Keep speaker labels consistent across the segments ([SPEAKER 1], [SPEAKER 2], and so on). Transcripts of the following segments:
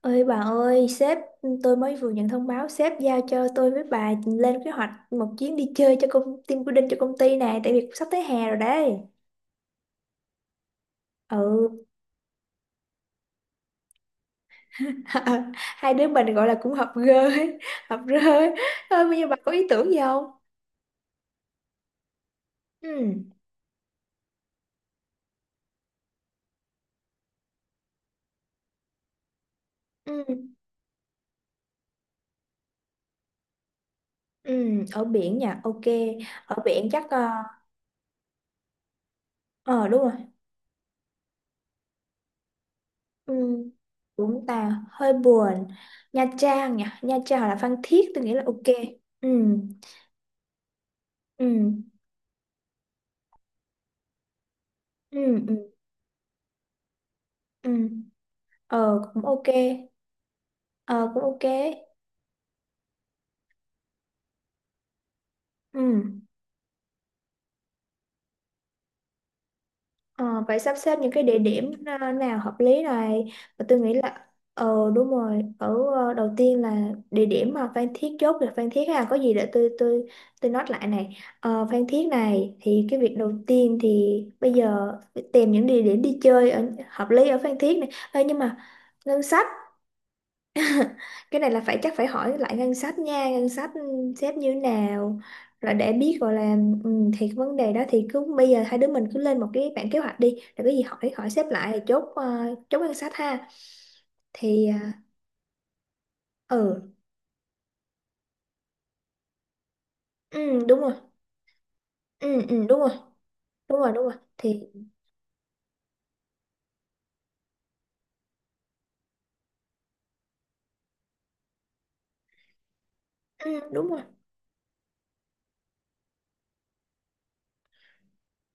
[SPEAKER 1] Ơi bà ơi, sếp tôi mới vừa nhận thông báo sếp giao cho tôi với bà lên kế hoạch một chuyến đi chơi cho công team building cho công ty này tại vì sắp tới hè rồi đấy. Ừ. Hai đứa mình gọi là cũng hợp gơ ấy, hợp rơ ấy. Thôi bây giờ bà có ý tưởng gì không? Ừ. Ừ. Ừ, ở biển nha. Ok. Ở biển chắc ờ, đúng rồi. Ừ. Vũng Tàu hơi buồn. Nha Trang nha, Nha Trang hoặc là Phan Thiết tôi nghĩ là ok. Ừ. Ừ. Ừ. Ừ. Ừ. Ờ cũng ok. Ờ cũng ok. Ừ. Ờ, phải sắp xếp những cái địa điểm nào hợp lý này. Và tôi nghĩ là ờ đúng rồi, ở đầu tiên là địa điểm mà Phan Thiết chốt được Phan Thiết ha, có gì để tôi note lại này. Ờ, Phan Thiết này thì cái việc đầu tiên thì bây giờ phải tìm những địa điểm đi chơi ở hợp lý ở Phan Thiết này. Ê, nhưng mà ngân sách cái này là phải chắc phải hỏi lại ngân sách nha ngân sách xếp như thế nào rồi để biết gọi là ừ, thì cái vấn đề đó thì cứ bây giờ hai đứa mình cứ lên một cái bản kế hoạch đi rồi cái gì hỏi hỏi xếp lại rồi chốt chốt ngân sách ha thì ờ, ừ ừ đúng rồi ừ ừ đúng rồi đúng rồi đúng rồi thì ừ đúng rồi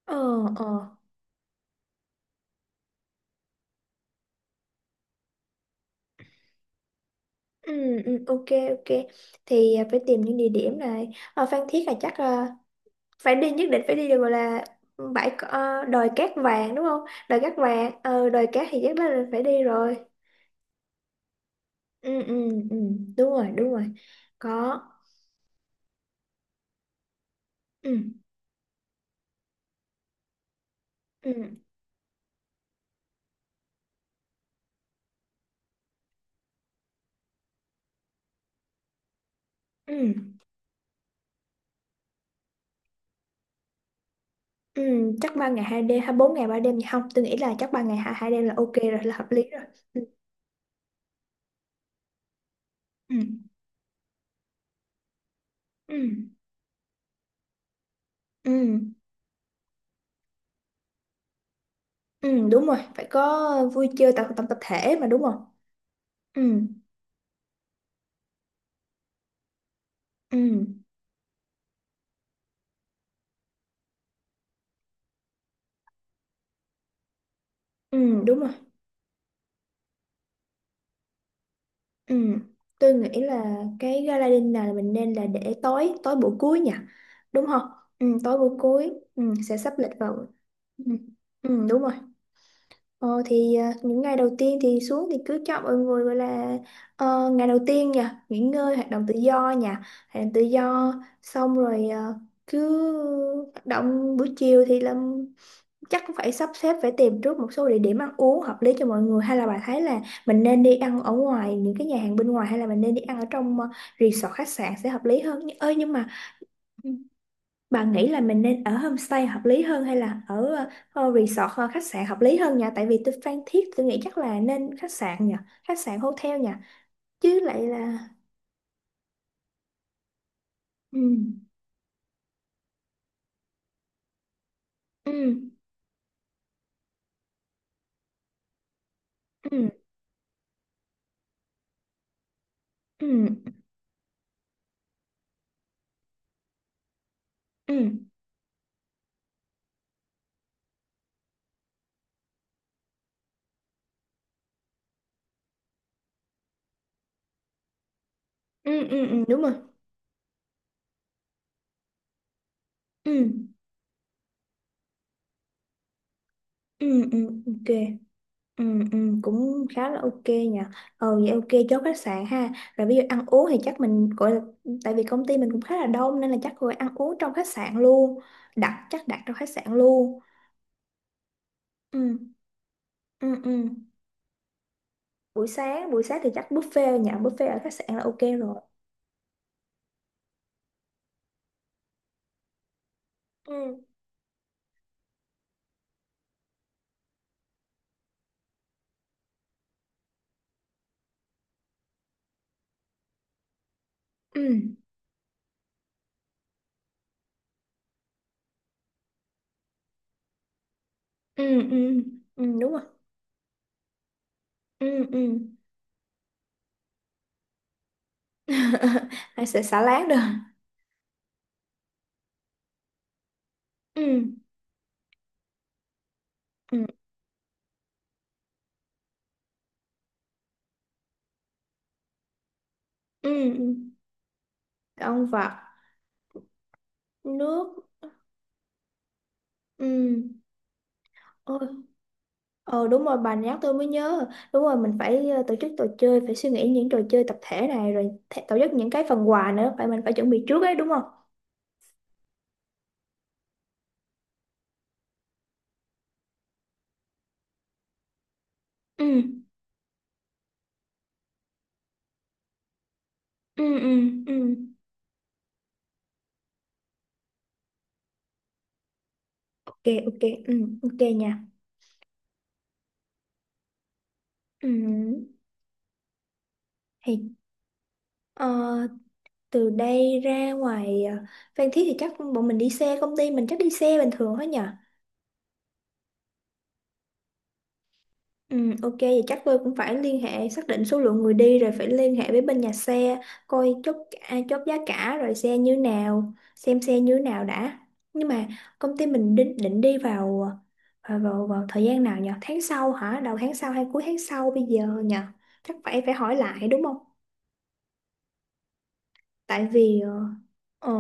[SPEAKER 1] ờ ờ ừ ừ ok ok thì phải tìm những địa điểm này ở Phan Thiết là chắc phải đi nhất định phải đi được gọi là đồi cát vàng đúng không đồi cát vàng ờ, đồi cát thì chắc là phải đi rồi ừ ừ ừ đúng rồi có ừ ừ ừ ừ chắc 3 ngày 2 đêm hay 4 ngày 3 đêm gì không tôi nghĩ là chắc ba ngày hai hai đêm là ok rồi là hợp lý rồi ừ ừ ừ ừ ừ, đúng rồi phải có vui chơi tập tập tập thể mà đúng không ừ ừ ừ đúng rồi Ừ, tôi nghĩ là cái gala dinner là mình nên là để tối tối buổi cuối nhỉ đúng không ừ, tối buổi cuối ừ, sẽ sắp lịch vào ừ, ừ, đúng rồi ờ, thì những ngày đầu tiên thì xuống thì cứ cho mọi người gọi là ờ, ngày đầu tiên nhỉ nghỉ ngơi hoạt động tự do nhỉ hoạt động tự do xong rồi cứ hoạt động buổi chiều thì làm chắc cũng phải sắp xếp phải tìm trước một số địa điểm ăn uống hợp lý cho mọi người hay là bà thấy là mình nên đi ăn ở ngoài những cái nhà hàng bên ngoài hay là mình nên đi ăn ở trong resort khách sạn sẽ hợp lý hơn ơi nhưng mà ừ, bà nghĩ là mình nên ở homestay hợp lý hơn hay là ở resort khách sạn hợp lý hơn nhỉ tại vì tôi Phan Thiết tôi nghĩ chắc là nên khách sạn nhỉ khách sạn hotel nhỉ chứ lại là ừ ừ ừ ừ ừ ừ ừ, ừ, ừ, đúng rồi ừ ừ ừ ok Ừ, ừ, cũng khá là ok nhỉ ờ vậy ok chốt khách sạn ha rồi ví dụ ăn uống thì chắc mình gọi là tại vì công ty mình cũng khá là đông nên là chắc gọi ăn uống trong khách sạn luôn đặt chắc đặt trong khách sạn luôn ừ, ừ, ừ. buổi sáng thì chắc buffet nhỉ buffet ở khách sạn là ok rồi ừ, ừ, ừ, ừ, ừ, đúng rồi ừ, ừ. hay sẽ xả láng được ừ, ừ, ừ, ừ. động vật nước ừ. Ôi, Ờ đúng rồi bà nhắc tôi mới nhớ. Đúng rồi mình phải tổ chức trò chơi. Phải suy nghĩ những trò chơi tập thể này. Rồi tổ chức những cái phần quà nữa. Mình phải chuẩn bị trước đấy đúng không ừ ừ ừ ừ ok ok ừ ok nha Ừ thì ờ, từ đây ra ngoài Phan Thiết thì chắc bọn mình đi xe. Công ty mình chắc đi xe bình thường hết nhỉ. Ừ, ok vậy chắc tôi cũng phải liên hệ xác định số lượng người đi rồi phải liên hệ với bên nhà xe coi chốt chốt giá cả rồi xe như nào xem xe như nào đã nhưng mà công ty mình định định đi vào vào thời gian nào nhỉ tháng sau hả đầu tháng sau hay cuối tháng sau bây giờ nhỉ chắc phải phải hỏi lại đúng không tại vì ờ ờ,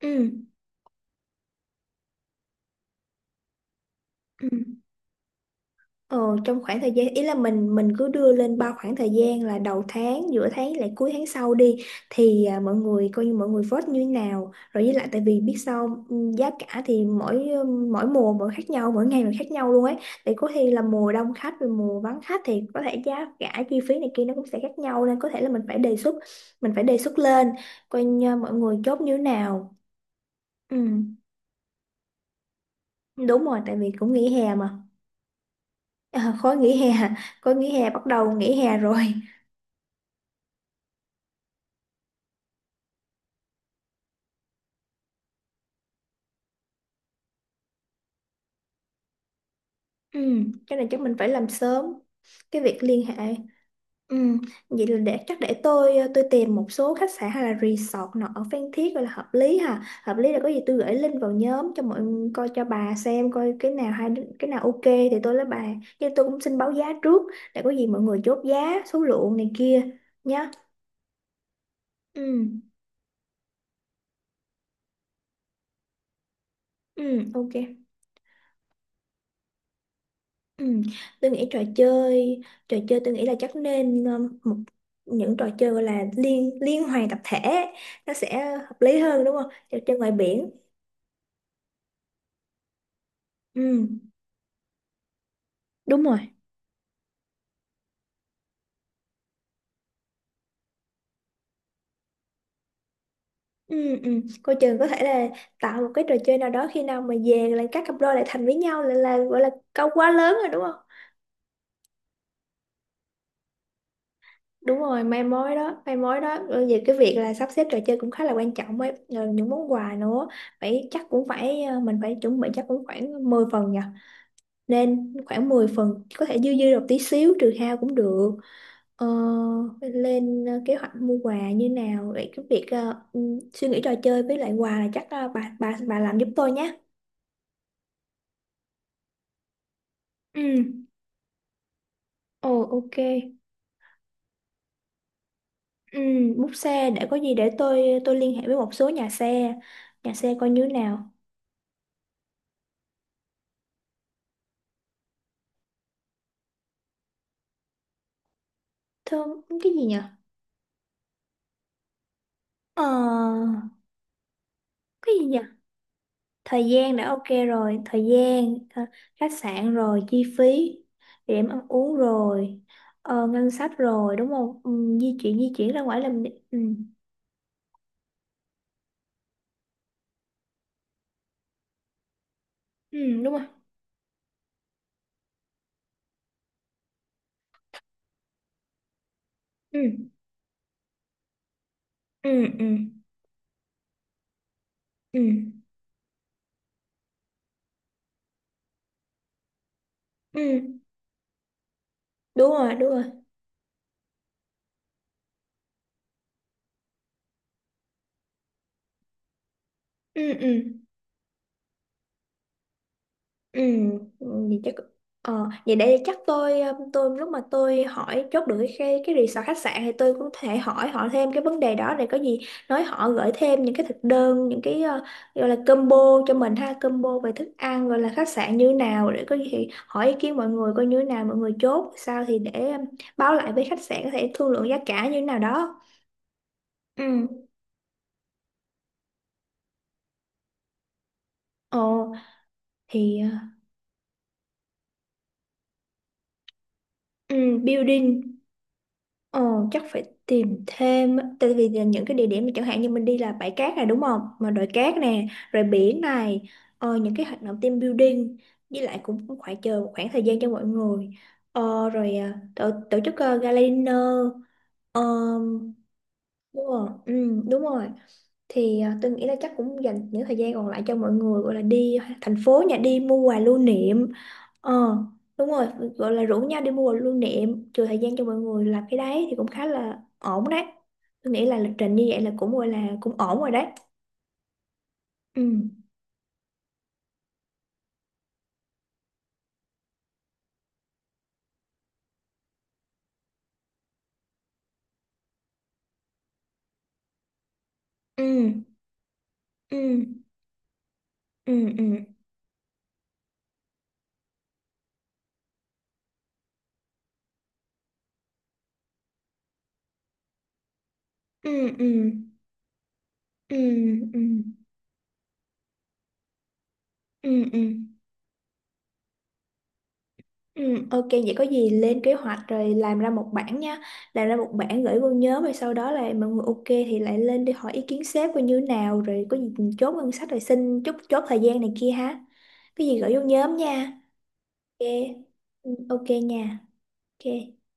[SPEAKER 1] ừ, ừ. Ờ, trong khoảng thời gian ý là mình cứ đưa lên bao khoảng thời gian là đầu tháng, giữa tháng lại cuối tháng sau đi thì mọi người coi như mọi người vote như thế nào. Rồi với lại tại vì biết sao giá cả thì mỗi mỗi mùa mỗi khác nhau, mỗi ngày mỗi khác nhau luôn ấy. Thì có khi là mùa đông khách rồi mùa vắng khách thì có thể giá cả chi phí này kia nó cũng sẽ khác nhau nên có thể là mình phải đề xuất mình phải đề xuất lên coi như mọi người chốt như thế nào. Ừ, đúng rồi tại vì cũng nghỉ hè mà. À, khối nghỉ hè bắt đầu nghỉ hè rồi. Ừ, cái này chắc mình phải làm sớm cái việc liên hệ. Ừ, vậy là để chắc để tôi tìm một số khách sạn hay là resort nào ở Phan Thiết gọi là hợp lý ha. Hợp lý là có gì tôi gửi link vào nhóm cho mọi người coi cho bà xem coi cái nào hay cái nào ok thì tôi lấy bà. Nhưng tôi cũng xin báo giá trước để có gì mọi người chốt giá, số lượng này kia nhá. Ừ, ừ, ok. Ừ. Tôi nghĩ trò chơi tôi nghĩ là chắc nên một những trò chơi gọi là liên liên hoàn tập thể nó sẽ hợp lý hơn đúng không? Trò chơi ngoài biển. Ừ. Đúng rồi. Ừ, ừ. Cô trường có thể là tạo một cái trò chơi nào đó khi nào mà về là các cặp đôi lại thành với nhau là gọi là câu quá lớn rồi đúng không? Đúng rồi, mai mối đó, mai mối đó. Rồi về cái việc là sắp xếp trò chơi cũng khá là quan trọng ấy. Rồi những món quà nữa, phải chắc cũng phải mình phải chuẩn bị chắc cũng khoảng 10 phần nhỉ? Nên khoảng 10 phần có thể dư dư được tí xíu trừ hao cũng được ờ, lên kế hoạch mua quà như nào vậy cái việc suy nghĩ trò chơi với lại quà là chắc bà làm giúp tôi nhé ừ ồ ok ừ bút xe để có gì để tôi liên hệ với một số nhà xe coi như thế nào thơm cái gì nhỉ ờ cái gì nhỉ thời gian đã ok rồi thời gian khách sạn rồi chi phí điểm ăn uống rồi ngân sách rồi đúng không ừ, di chuyển ra ngoài ừ. ừ đúng rồi ừ ừ ừ ừ ừ đúng rồi ừ ừ Ừ, ừ, vậy chắc vậy để chắc tôi tôi lúc mà tôi hỏi chốt được cái resort khách sạn thì tôi cũng thể hỏi họ thêm cái vấn đề đó để có gì nói họ gửi thêm những cái thực đơn những cái gọi là combo cho mình ha combo về thức ăn gọi là khách sạn như nào để có gì thì hỏi ý kiến mọi người coi như thế nào mọi người chốt sao thì để báo lại với khách sạn có thể thương lượng giá cả như thế nào đó. Ừ. Ồ thì ừ, building. Ờ, chắc phải tìm thêm á. Tại vì là những cái địa điểm mà chẳng hạn như mình đi là bãi cát này đúng không mà đồi cát nè rồi biển này những cái hoạt động team building với lại cũng, cũng phải chờ một khoảng thời gian cho mọi người rồi tổ chức gala dinner. Đúng rồi, ừ, đúng rồi. Thì tôi nghĩ là chắc cũng dành những thời gian còn lại cho mọi người gọi là đi thành phố nhà đi mua quà lưu niệm. Ờ, đúng rồi, gọi là rủ nhau đi mua quà lưu niệm, trừ thời gian cho mọi người làm cái đấy thì cũng khá là ổn đấy. Tôi nghĩ là lịch trình như vậy là cũng gọi là cũng ổn rồi đấy. Ừ, ừ, ừ, ừ, ừ, ừ, ừ, ừ, ừ, ừ, ừ. ừ. Ừ, ok vậy có gì lên kế hoạch rồi làm ra một bản nha làm ra một bản gửi vô nhóm rồi sau đó là mọi người ok thì lại lên đi hỏi ý kiến sếp coi như thế nào rồi có gì chốt ngân sách rồi xin chốt chốt thời gian này kia ha cái gì gửi vô nhóm nha ok ừ, ok nha ok